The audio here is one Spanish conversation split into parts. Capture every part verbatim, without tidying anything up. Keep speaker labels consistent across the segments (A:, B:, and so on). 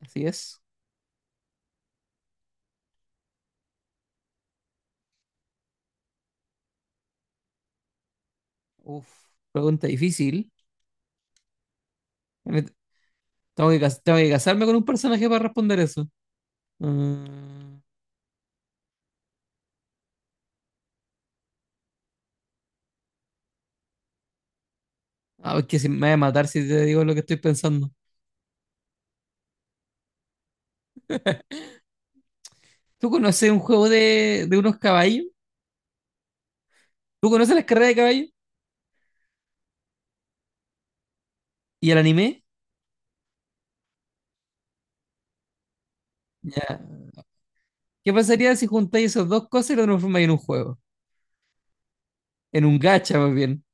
A: Así es. Uf, pregunta difícil. Me- Tengo que, cas- tengo que casarme con un personaje para responder eso. Mm, ah, es que si me voy a matar si te digo lo que estoy pensando. ¿Tú conoces un juego de, de unos caballos? ¿Tú conoces las carreras de caballos? ¿Y el anime? Ya. ¿Qué pasaría si juntáis esas dos cosas y lo transformáis en un juego? En un gacha, más bien.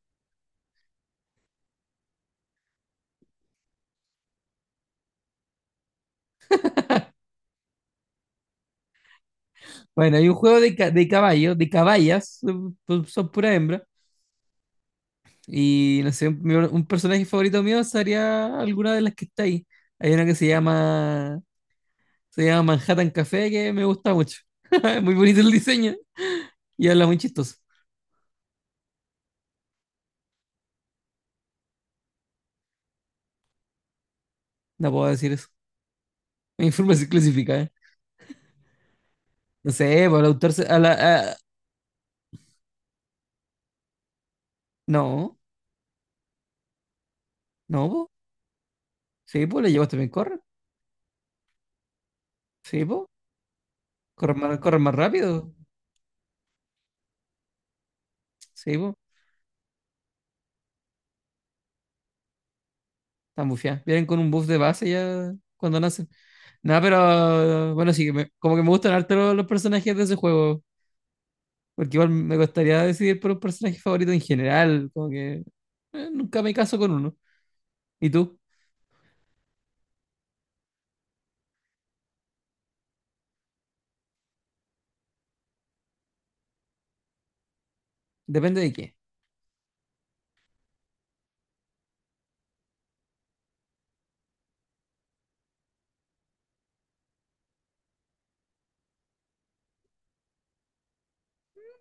A: Bueno, hay un juego de, ca- de caballos, de caballas, son, son pura hembra. Y no sé, mi- un personaje favorito mío sería alguna de las que está ahí. Hay una que se llama, se llama Manhattan Café que me gusta mucho. Muy bonito el diseño y habla muy chistoso. No puedo decir eso. Me información clasificada. ¿Eh? No sé, por el autor se- a la, a- no, no, po. Sí, pues le llevas también corre. Sí, pues. Corren más, corren más rápido. Sí, pues. Están bufiadas. Vienen con un buff de base ya cuando nacen. Nada, pero bueno, sí, me- como que me gustan harto los los personajes de ese juego. Porque igual me gustaría decidir por un personaje favorito en general, como que eh, nunca me caso con uno. ¿Y tú? Depende de qué.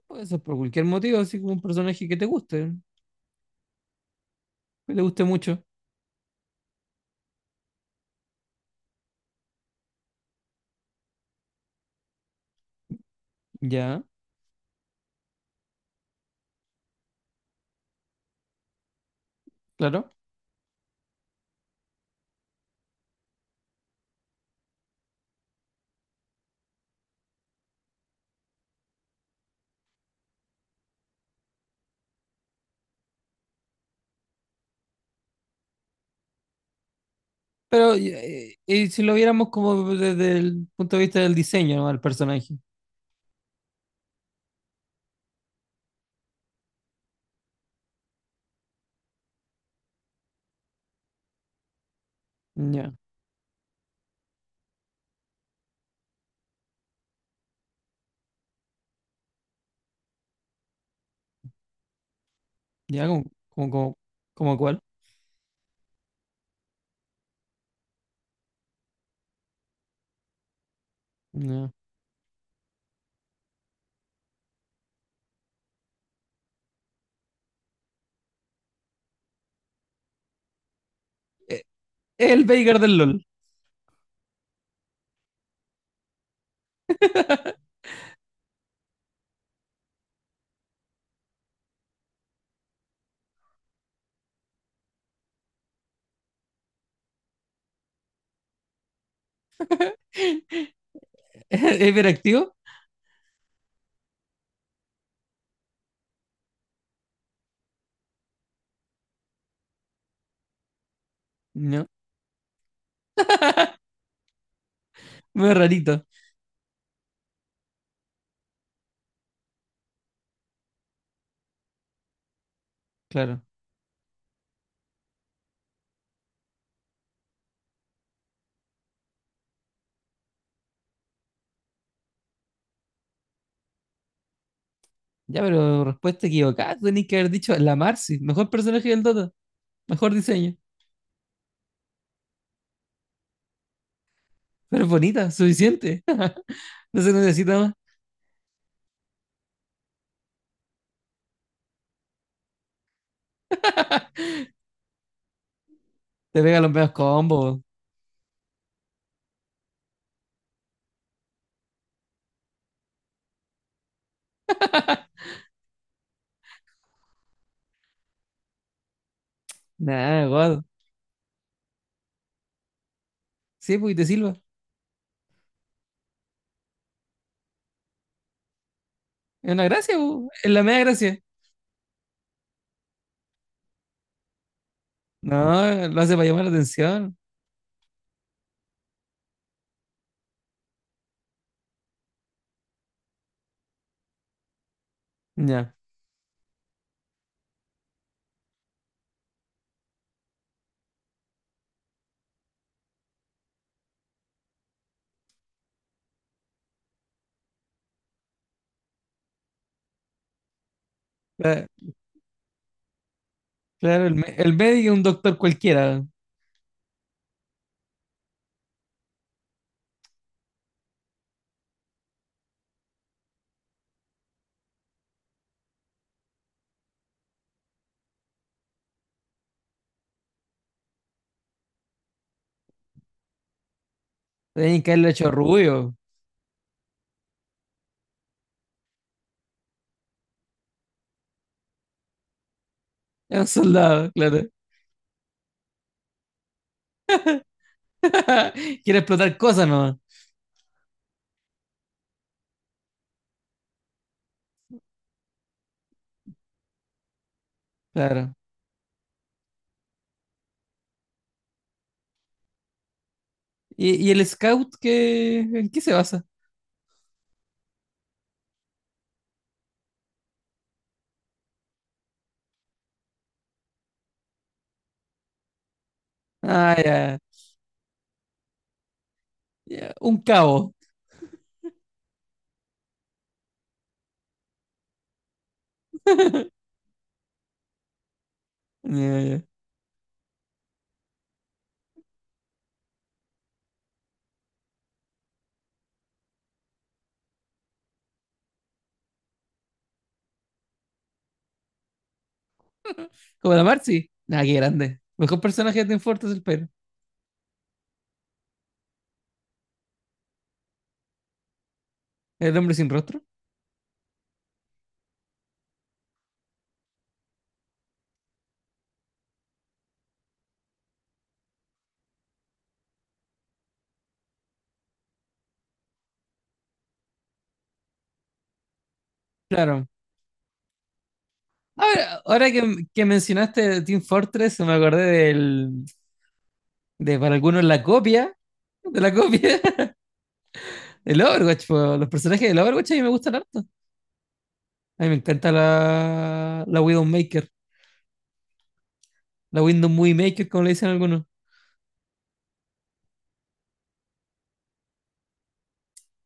A: Puede ser por cualquier motivo, así como un personaje que te guste, que te guste mucho. Ya, claro. Pero eh, y si lo viéramos como desde el punto de vista del diseño, ¿no? Del personaje. Ya, ya, como, como, como, como cuál. Ya. El Veigar del LOL. ¿Es hiperactivo? No. Muy rarito. Claro. Ya, pero respuesta equivocada. Tenéis que haber dicho la Marcy, mejor personaje del Dota. Mejor diseño. Pero es bonita, suficiente. No se necesita más. Te pega los medios combos. Nada, guado. Sí, pues y te silba. Es una gracia, po. Es la media gracia. No, lo hace para llamar la atención. Ya. Cla- Claro, el, me- el médico es un doctor cualquiera. Tiene que haberle hecho rubio. Es un soldado, claro. Quiere explotar cosas nomás. Claro. ¿Y, y el scout qué, en qué se basa? Ah, ya. Ya, un cabo. Ya, ya. Como la Marcy. Ah, qué grande. Mejor personaje de Team Fortress, el. El hombre sin rostro. Claro. Ahora, ahora que, que mencionaste Team Fortress, me acordé del, de para algunos la copia, de la copia, el Overwatch, po. Los personajes del Overwatch a mí me gustan harto. A mí me encanta la, la Widowmaker, la Window Movie Maker, como le dicen algunos.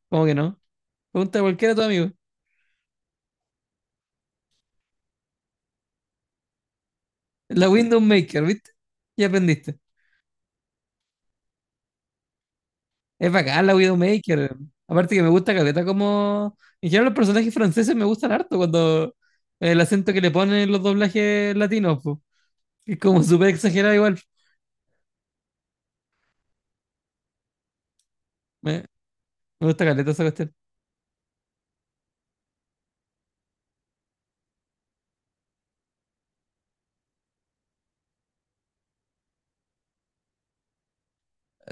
A: ¿Cómo que no? Pregunta a cualquiera de tus amigos. La Widowmaker, ¿viste? Ya aprendiste. Es bacán la Widowmaker. Aparte que me gusta Caleta como... En general los personajes franceses me gustan harto cuando el acento que le ponen los doblajes latinos, po. Es como súper exagerado igual. Me, me gusta caleta esa cuestión.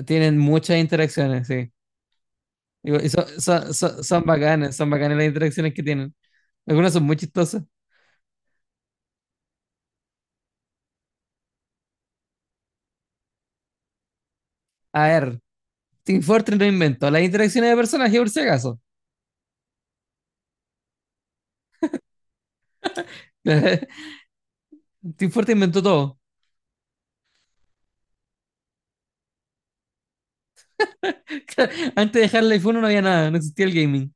A: Tienen muchas interacciones, sí. Igual- y son, son, son- son bacanas, son bacanas las interacciones que tienen. Algunas son muy chistosas. A ver, Team Fortress no inventó las interacciones de personajes por si acaso. Team Fortress inventó todo. Antes de dejar el uno no había nada, no existía el gaming.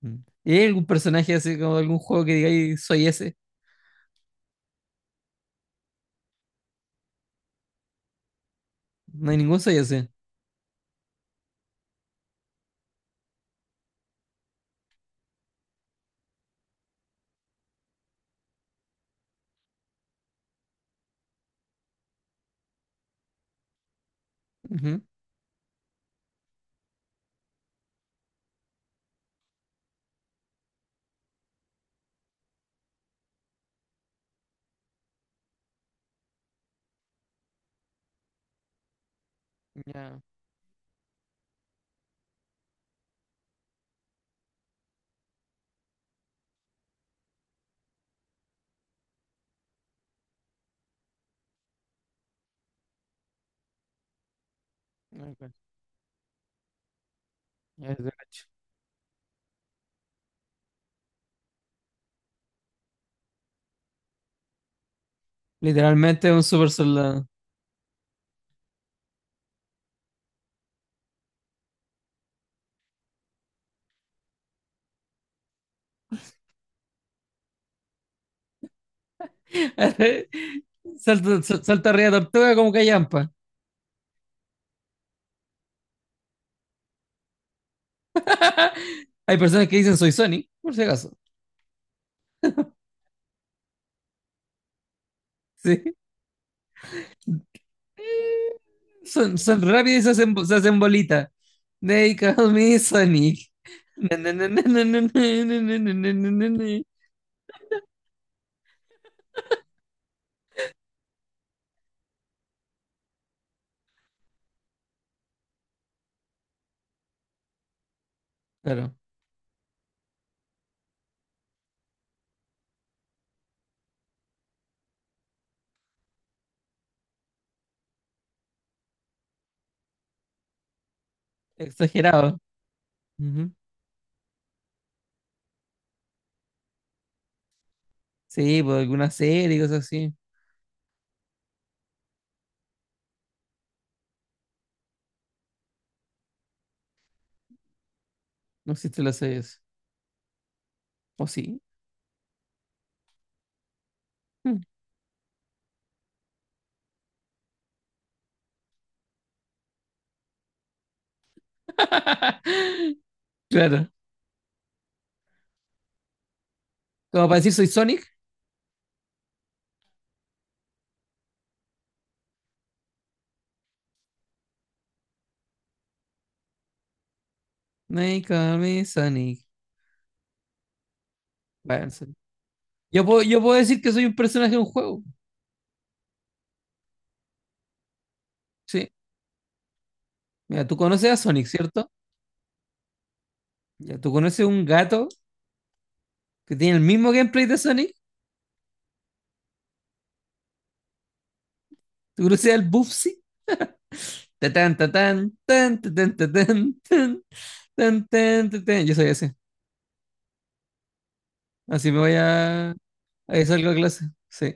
A: Mm. ¿Y hay algún personaje así como de algún juego que diga, "Ay, soy ese"? No hay ningún soy ese. Ujú. Ya, ok. Ya, es de hecho. Literalmente es un super soldado. Salta, sal- salta arriba de tortuga como callampa. Hay personas que dicen soy Sonic, por si acaso. Sí. Son, son rápidos y se hacen, se hacen bolita. They call me Sonic. Na, na, na, na, na, na, na, na, na, na, na, na, na. Claro, exagerado. Ujú. Sí, por alguna serie y cosas así. No existe las series. ¿O sí? Mm. Claro. Como para decir soy Sonic. They call me Sonic. Bueno, sí. yo puedo, yo puedo decir que soy un personaje de un juego. Sí. Mira, tú conoces a Sonic, ¿cierto? Ya, tú conoces un gato que tiene el mismo gameplay de Sonic. Tú conoces al Bubsy. Tatán, tatán, tan, tatán, tatán, tan, tan, tan, tatán. Yo soy ese. Así me voy a. Ahí salgo a clase. Sí.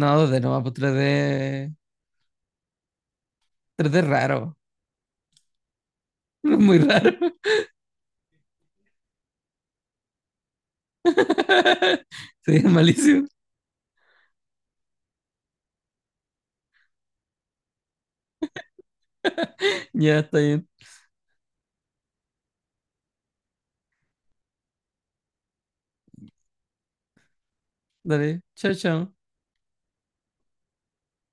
A: No, dos D no, pues tres D. tres D raro. Muy raro. Sí, malísimo. Ya, está bien. Dale. Chao, chao.